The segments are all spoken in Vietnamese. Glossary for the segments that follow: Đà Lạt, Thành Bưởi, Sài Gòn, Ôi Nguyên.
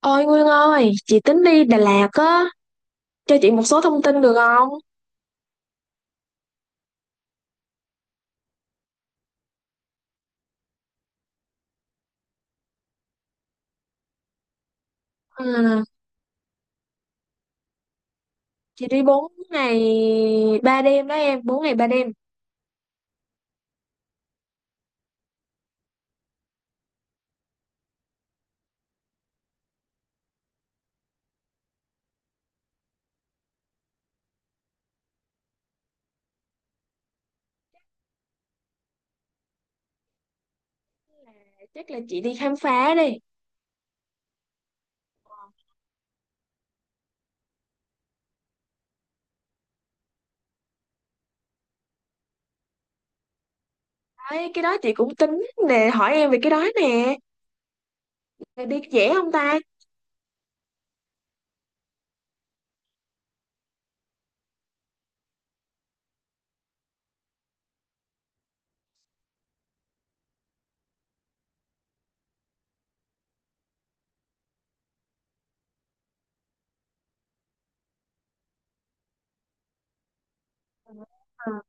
Ôi Nguyên ơi, chị tính đi Đà Lạt á, cho chị một số thông tin được không? À, chị đi 4 ngày 3 đêm đó em, 4 ngày 3 đêm. Chắc là chị đi khám phá đi. Đấy, cái đó chị cũng tính nè, hỏi em về cái đó nè. Là đi dễ không ta? À,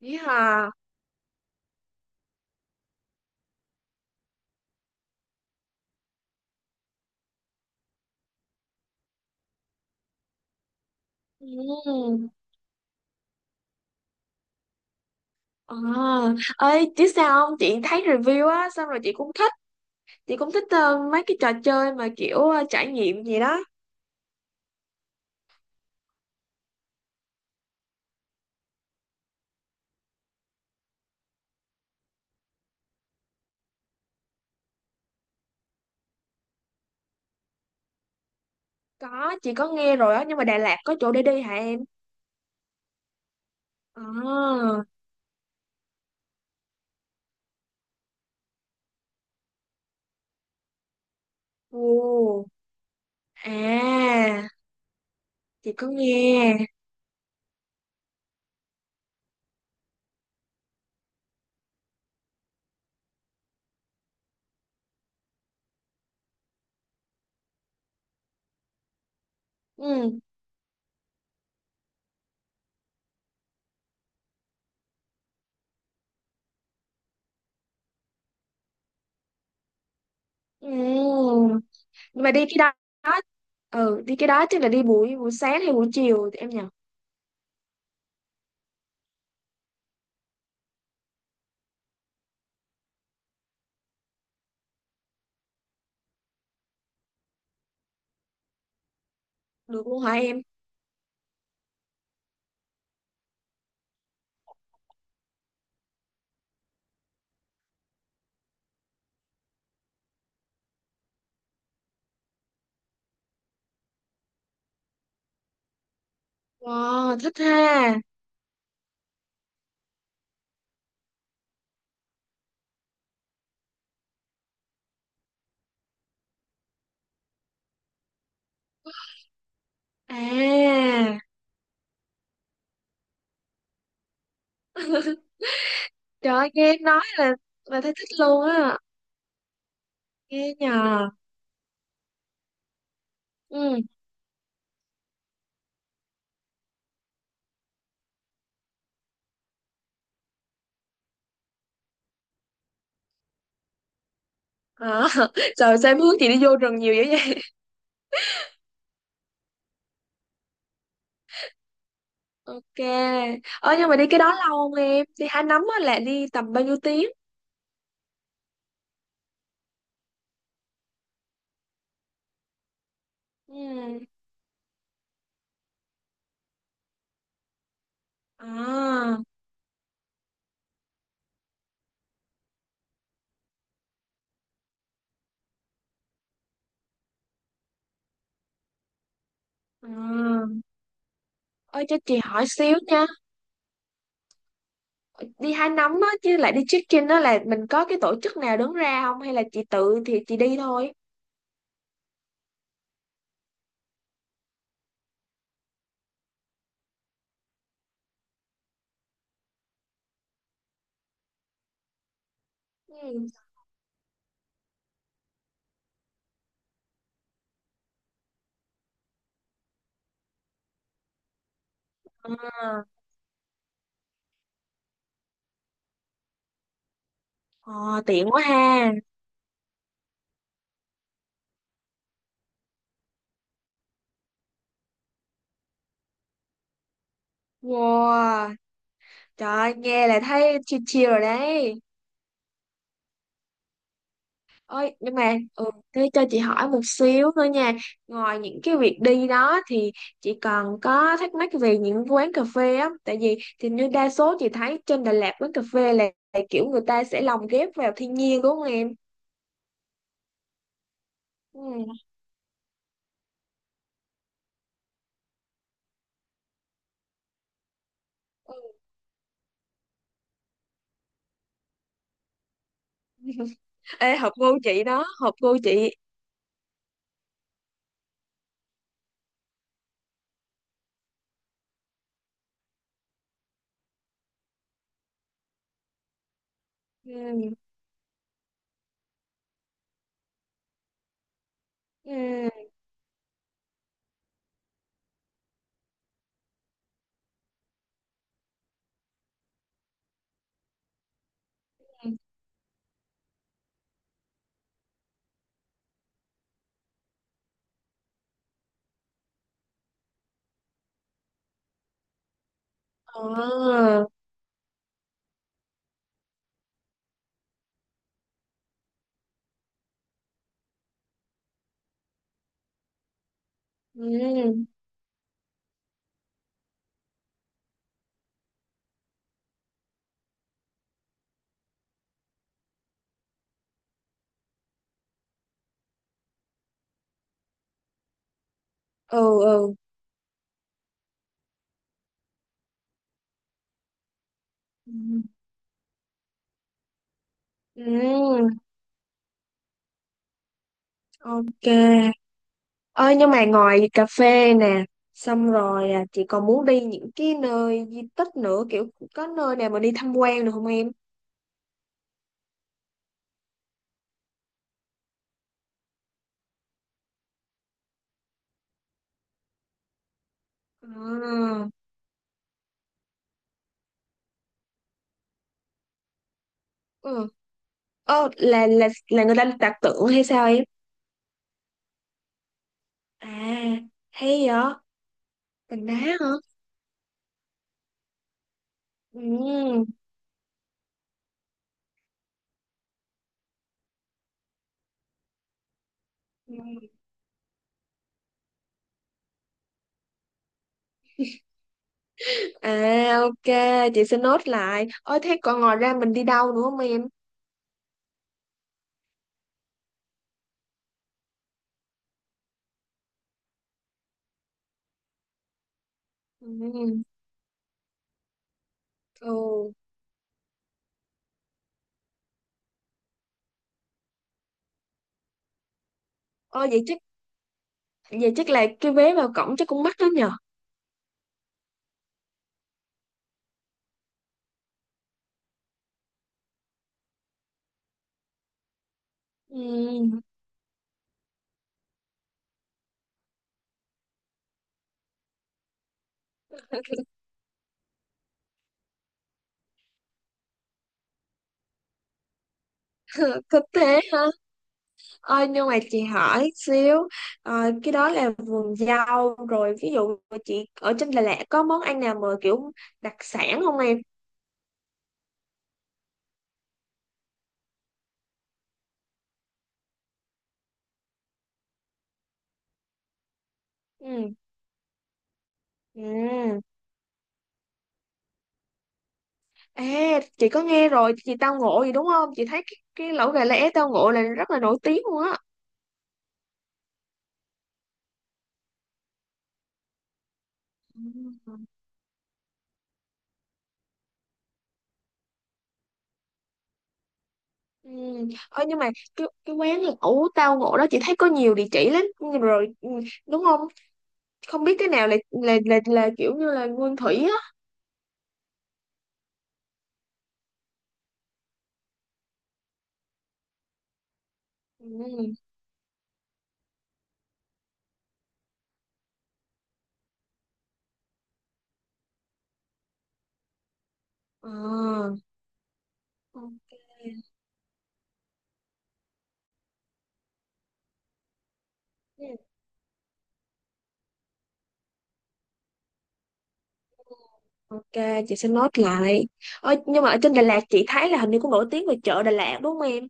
dễ hả? Ừ. À, ơi chứ sao không, chị thấy review á xong rồi chị cũng thích mấy cái trò chơi mà kiểu trải nghiệm gì đó. Có chị có nghe rồi á, nhưng mà Đà Lạt có chỗ để đi hả em? À, ồ, à, chị có nghe. Ừ, ừ. Nhưng mà đi cái đó, ừ, đi cái đó chắc là đi buổi buổi sáng hay buổi chiều thì em nhỉ? Được luôn hả em? Wow, thích ha. À, trời ơi, nghe em nói là thấy thích luôn á. Nghe nhờ. Ừ, à, trời, sao em hướng chị đi vô rừng nhiều dữ vậy? Ok. Ờ, nhưng mà đi cái đó lâu không em? Đi hái nấm á là đi tầm bao nhiêu tiếng? Ừ. À. À, ơi cho chị hỏi xíu nha, đi hái nấm á chứ lại đi check-in đó là mình có cái tổ chức nào đứng ra không, hay là chị tự thì chị đi thôi? Ừ. À, ờ, tiện quá ha. Wow, trời ơi, nghe là thấy chill chill rồi đấy. Ơi nhưng mà ừ, thế cho chị hỏi một xíu nữa nha. Ngoài những cái việc đi đó thì chị còn có thắc mắc về những quán cà phê á, tại vì thì như đa số chị thấy trên Đà Lạt quán cà phê là kiểu người ta sẽ lồng ghép vào thiên nhiên, đúng không em? Ừ. Ừ. Ê, hợp gu chị đó, hợp gu chị. Ừ. Ừ. Ờ. Ừ. Ừ. Ừ. Ừ. Ừ. Ok. Ơi nhưng mà ngoài cà phê nè, xong rồi à, chị còn muốn đi những cái nơi di tích nữa, kiểu có nơi nào mà đi tham quan được không em? À. Ừ. Ờ, là người ta đặt tượng hay sao em? À, hay vậy? Cành đá hả? Ừ. À ok, chị sẽ nốt lại. Ôi thế còn ngoài ra mình đi đâu nữa không em? Ừ. Ừ. Ôi vậy chắc là cái vé vào cổng chắc cũng mắc lắm nhờ. Ừ. Có thế hả? Ôi nhưng mà chị hỏi xíu, ờ, cái đó là vườn rau rồi, ví dụ chị ở trên Đà Lạt có món ăn nào mà kiểu đặc sản không em? Ừ. Ừ. À, chị có nghe rồi, chị tao ngộ gì đúng không? Chị thấy cái lẩu gà lá é tao ngộ là rất là nổi tiếng luôn á. Ừ. Ừ. Ơ nhưng mà cái quán lẩu tao ngộ đó chị thấy có nhiều địa chỉ lắm rồi, ừ, đúng không? Không biết cái nào là là, là kiểu như là nguyên thủy á. Ừ. À, ok. Ừ, ok, chị sẽ note lại. Ơ nhưng mà ở trên Đà Lạt chị thấy là hình như cũng nổi tiếng về chợ Đà Lạt, đúng không em?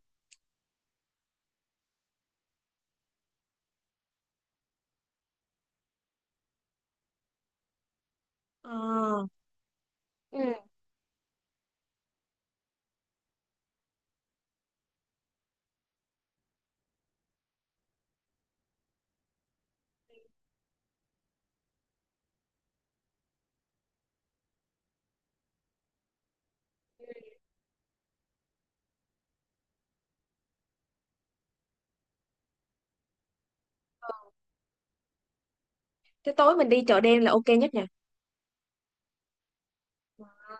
Ờ, ừ. Thế tối mình đi chợ đen là ok nhất nha.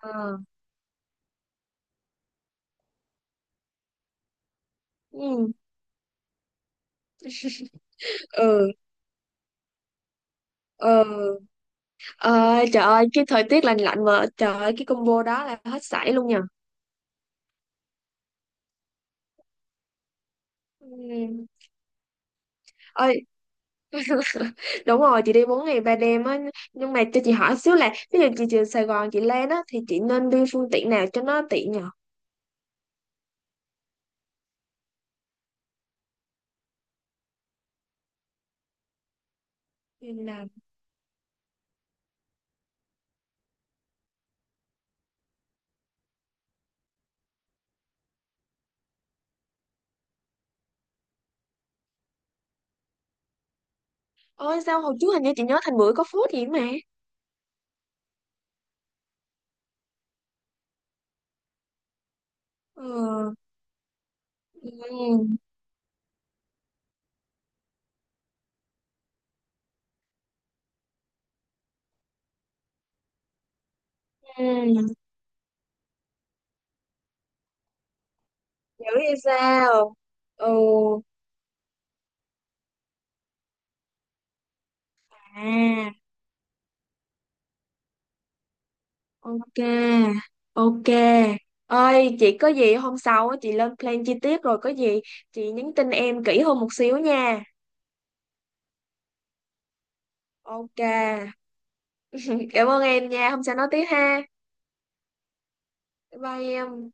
À, ừ. Ừ. Ừ. Ờ, trời ơi, cái thời tiết lạnh lạnh mà trời ơi cái combo đó là hết sảy luôn nha. Ừ. Ơi, đúng rồi, chị đi 4 ngày 3 đêm á, nhưng mà cho chị hỏi xíu là ví dụ chị từ Sài Gòn chị lên á thì chị nên đi phương tiện nào cho nó tiện nhở? Phương nào? Ôi sao hồi trước hình như chị nhớ Thành Bưởi có phốt gì mà. Ừ. Ừ. Ừ. Dữ vậy sao? Ừ. À. Ok. Ok. Ơi chị có gì hôm sau á chị lên plan chi tiết rồi có gì chị nhắn tin em kỹ hơn một xíu nha. Ok. Cảm ơn em nha, hôm sau nói tiếp ha. Bye bye em.